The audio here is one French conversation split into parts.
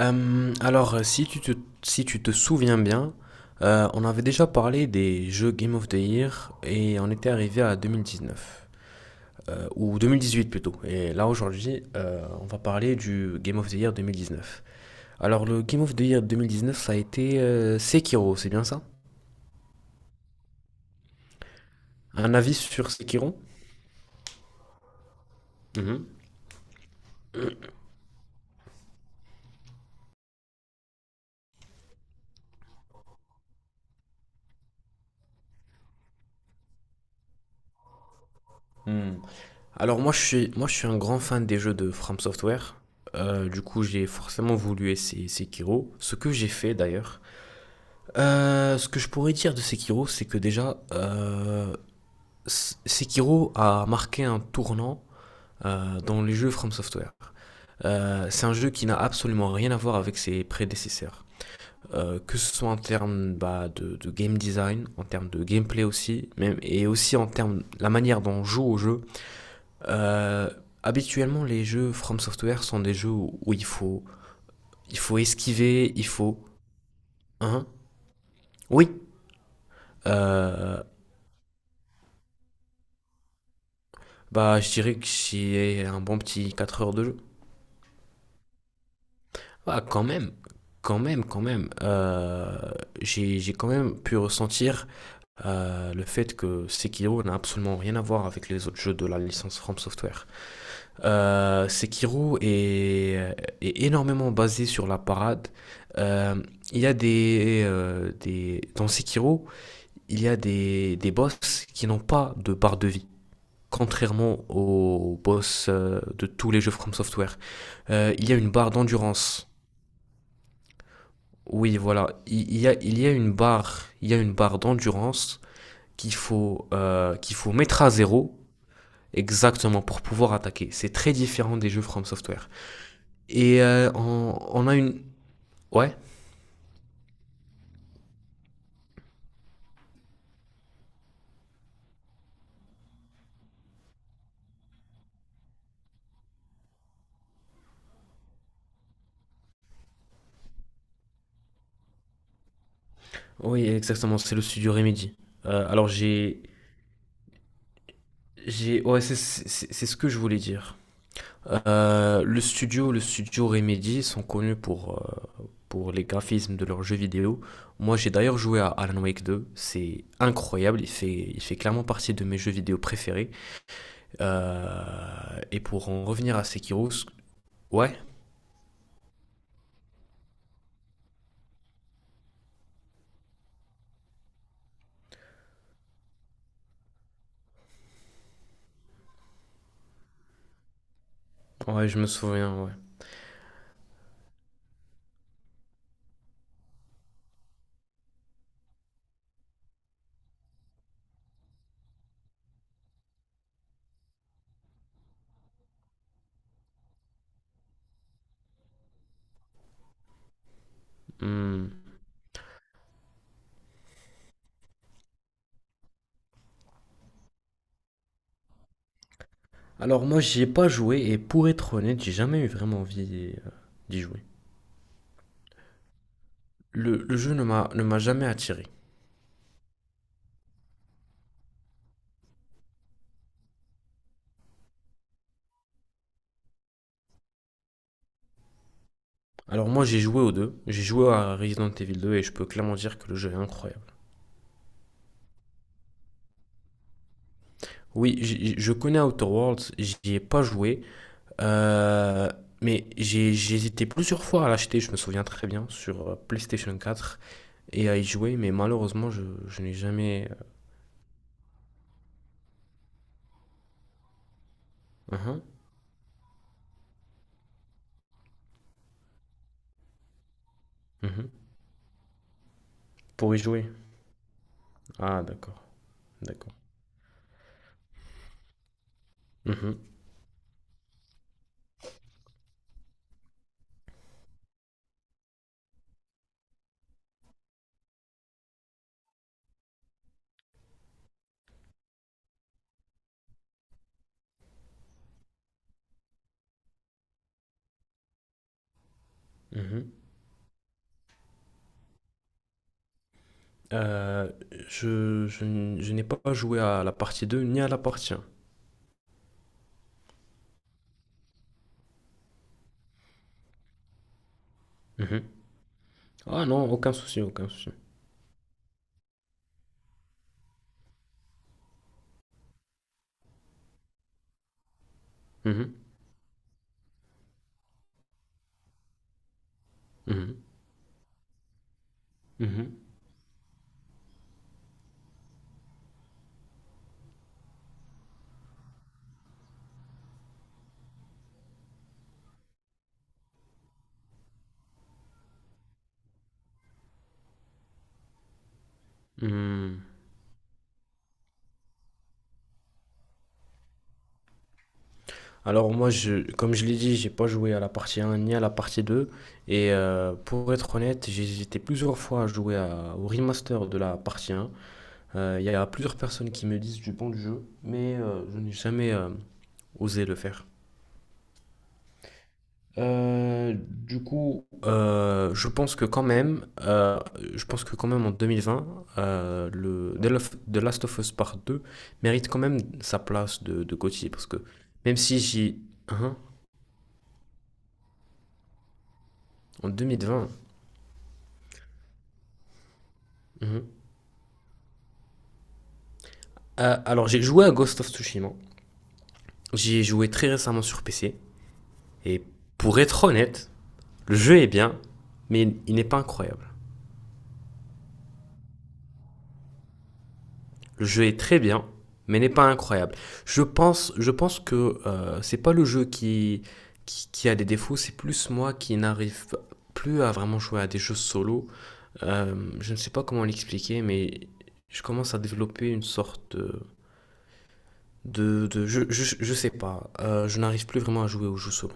Alors, si tu te souviens bien, on avait déjà parlé des jeux Game of the Year et on était arrivé à 2019, ou 2018 plutôt. Et là, aujourd'hui, on va parler du Game of the Year 2019. Alors, le Game of the Year 2019, ça a été Sekiro, c'est bien ça? Un avis sur Sekiro? Mhm. Hmm. Alors, moi, je suis un grand fan des jeux de From Software. Du coup, j'ai forcément voulu essayer Sekiro, ce que j'ai fait d'ailleurs. Ce que je pourrais dire de Sekiro, c'est que déjà, Sekiro a marqué un tournant dans les jeux From Software. C'est un jeu qui n'a absolument rien à voir avec ses prédécesseurs. Que ce soit en termes bah, de game design, en termes de gameplay aussi, même, et aussi en termes de la manière dont on joue au jeu. Euh, Habituellement, les jeux From Software sont des jeux où il faut esquiver, il faut... Hein, oui, euh, bah, je dirais que j'ai un bon petit 4 heures de jeu. Bah, quand même, quand même, quand même. J'ai quand même pu ressentir le fait que Sekiro n'a absolument rien à voir avec les autres jeux de la licence From Software. Sekiro est énormément basé sur la parade. Euh, il y a des... Dans Sekiro, il y a des boss qui n'ont pas de barre de vie, contrairement au boss de tous les jeux From Software. Il y a une barre d'endurance. Oui, voilà, il y a, il y a une barre, il y a une barre d'endurance qu'il faut mettre à zéro exactement pour pouvoir attaquer. C'est très différent des jeux From Software. Et on a une, ouais, oui, exactement, c'est le studio Remedy. Alors ouais, c'est ce que je voulais dire. Le studio Remedy sont connus euh, pour les graphismes de leurs jeux vidéo. Moi, j'ai d'ailleurs joué à Alan Wake 2. C'est incroyable. Il fait clairement partie de mes jeux vidéo préférés. Et pour en revenir à Sekiro, ouais, ouais, je me souviens, ouais. Hmm. Alors moi, j'y ai pas joué et pour être honnête, j'ai jamais eu vraiment envie d'y jouer. Le jeu ne m'a jamais attiré. Alors moi, j'ai joué aux deux. J'ai joué à Resident Evil 2 et je peux clairement dire que le jeu est incroyable. Oui, je connais Outer Worlds, j'y ai pas joué, euh, mais j'ai hésité plusieurs fois à l'acheter, je me souviens très bien, sur PlayStation 4 et à y jouer, mais malheureusement, je n'ai jamais. Uhum, uhum. Pour y jouer. Ah, d'accord, d'accord. Uhum, uhum. Euh, je n'ai pas joué à la partie 2 ni à la partie 1. Mhm. Ah non, aucun souci, aucun souci. Mhm, mhm, mhm, mhm. Alors moi, je, comme je l'ai dit, j'ai pas joué à la partie 1 ni à la partie 2. Et pour être honnête, j'ai hésité plusieurs fois à jouer au remaster de la partie 1. Il y a plusieurs personnes qui me disent du bon du jeu, mais je n'ai jamais osé le faire. Du coup, je pense que quand même en 2020, le The Last of Us Part 2 mérite quand même sa place de GOTY parce que même si j'y... Hein, en 2020. Mhm. Alors, j'ai joué à Ghost of Tsushima. J'y ai joué très récemment sur PC. Et pour être honnête, le jeu est bien, mais il n'est pas incroyable. Le jeu est très bien, mais n'est pas incroyable. Je pense que c'est pas le jeu qui a des défauts, c'est plus moi qui n'arrive plus à vraiment jouer à des jeux solo. Je ne sais pas comment l'expliquer, mais je commence à développer une sorte de. Je sais pas. Je n'arrive plus vraiment à jouer aux jeux solo.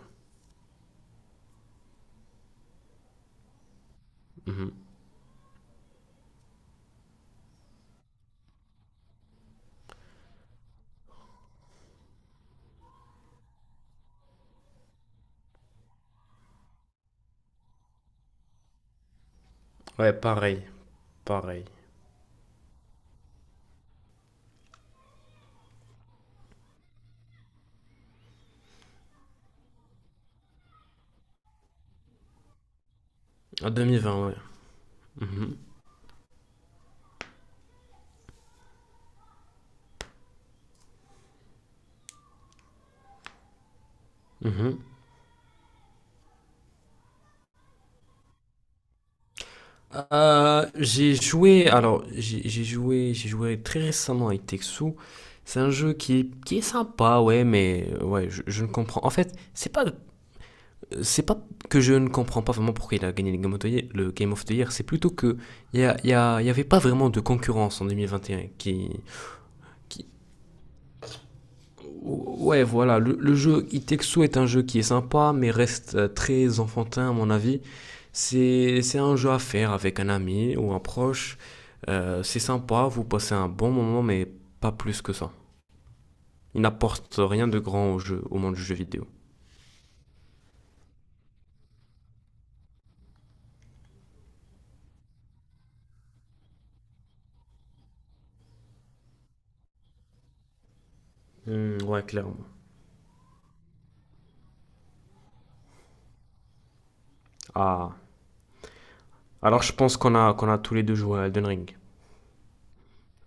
Mhm. Ouais, pareil. Pareil. En 2020, ouais. Mhm. Mhm. J'ai joué, alors j'ai joué très récemment avec Texu. C'est un jeu qui est sympa, ouais, mais ouais, je ne comprends. En fait, c'est pas que je ne comprends pas vraiment pourquoi il a gagné le Game of the Year, c'est plutôt que il y avait pas vraiment de concurrence en 2021 qui, Ouais, voilà, le jeu Itexo est un jeu qui est sympa, mais reste très enfantin à mon avis. C'est un jeu à faire avec un ami ou un proche. C'est sympa, vous passez un bon moment, mais pas plus que ça. Il n'apporte rien de grand au jeu, au monde du jeu vidéo. Hmm, ouais, clairement. Ah, alors je pense qu'on a tous les deux joué à Elden Ring.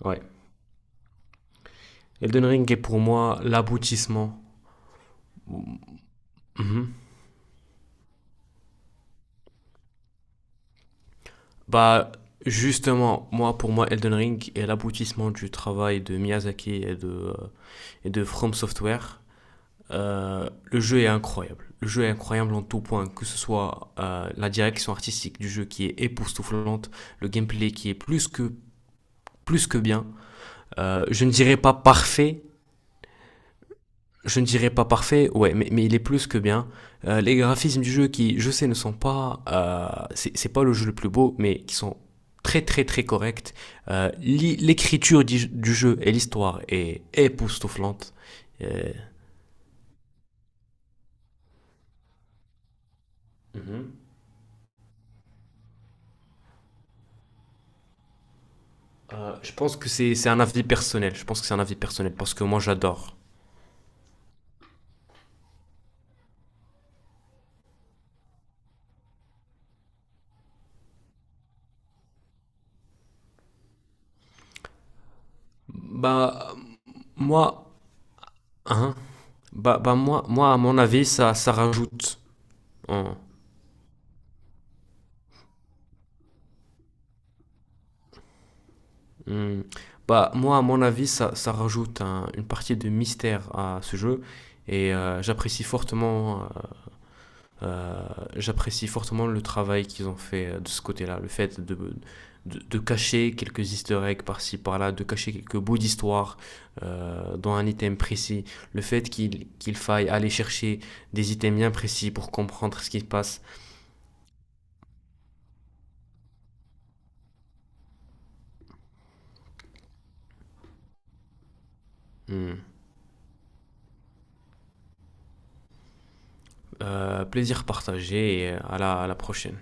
Ouais. Elden Ring est pour moi l'aboutissement. Mhm. Bah, justement, moi, pour moi, Elden Ring est l'aboutissement du travail de Miyazaki et de From Software. Le jeu est incroyable. Le jeu est incroyable en tout point, que ce soit la direction artistique du jeu qui est époustouflante, le gameplay qui est plus que bien. Euh, je ne dirais pas parfait, je ne dirais pas parfait, ouais, mais il est plus que bien. Les graphismes du jeu qui, je sais, ne sont pas, c'est pas le jeu le plus beau, mais qui sont très très très corrects. Euh, L'écriture du jeu et l'histoire est époustouflante. Et- Mm-hmm. Je pense que c'est un avis personnel. Je pense que c'est un avis personnel parce que moi j'adore. Bah moi, hein, bah moi à mon avis ça rajoute. Hein. Hmm. Bah, moi, à mon avis, ça rajoute une partie de mystère à ce jeu et euh, j'apprécie fortement le travail qu'ils ont fait de ce côté-là, le fait de cacher quelques easter eggs par-ci, par-là, de cacher quelques bouts d'histoire dans un item précis, le fait qu'il faille aller chercher des items bien précis pour comprendre ce qui se passe. Hmm. Plaisir partagé et à la prochaine.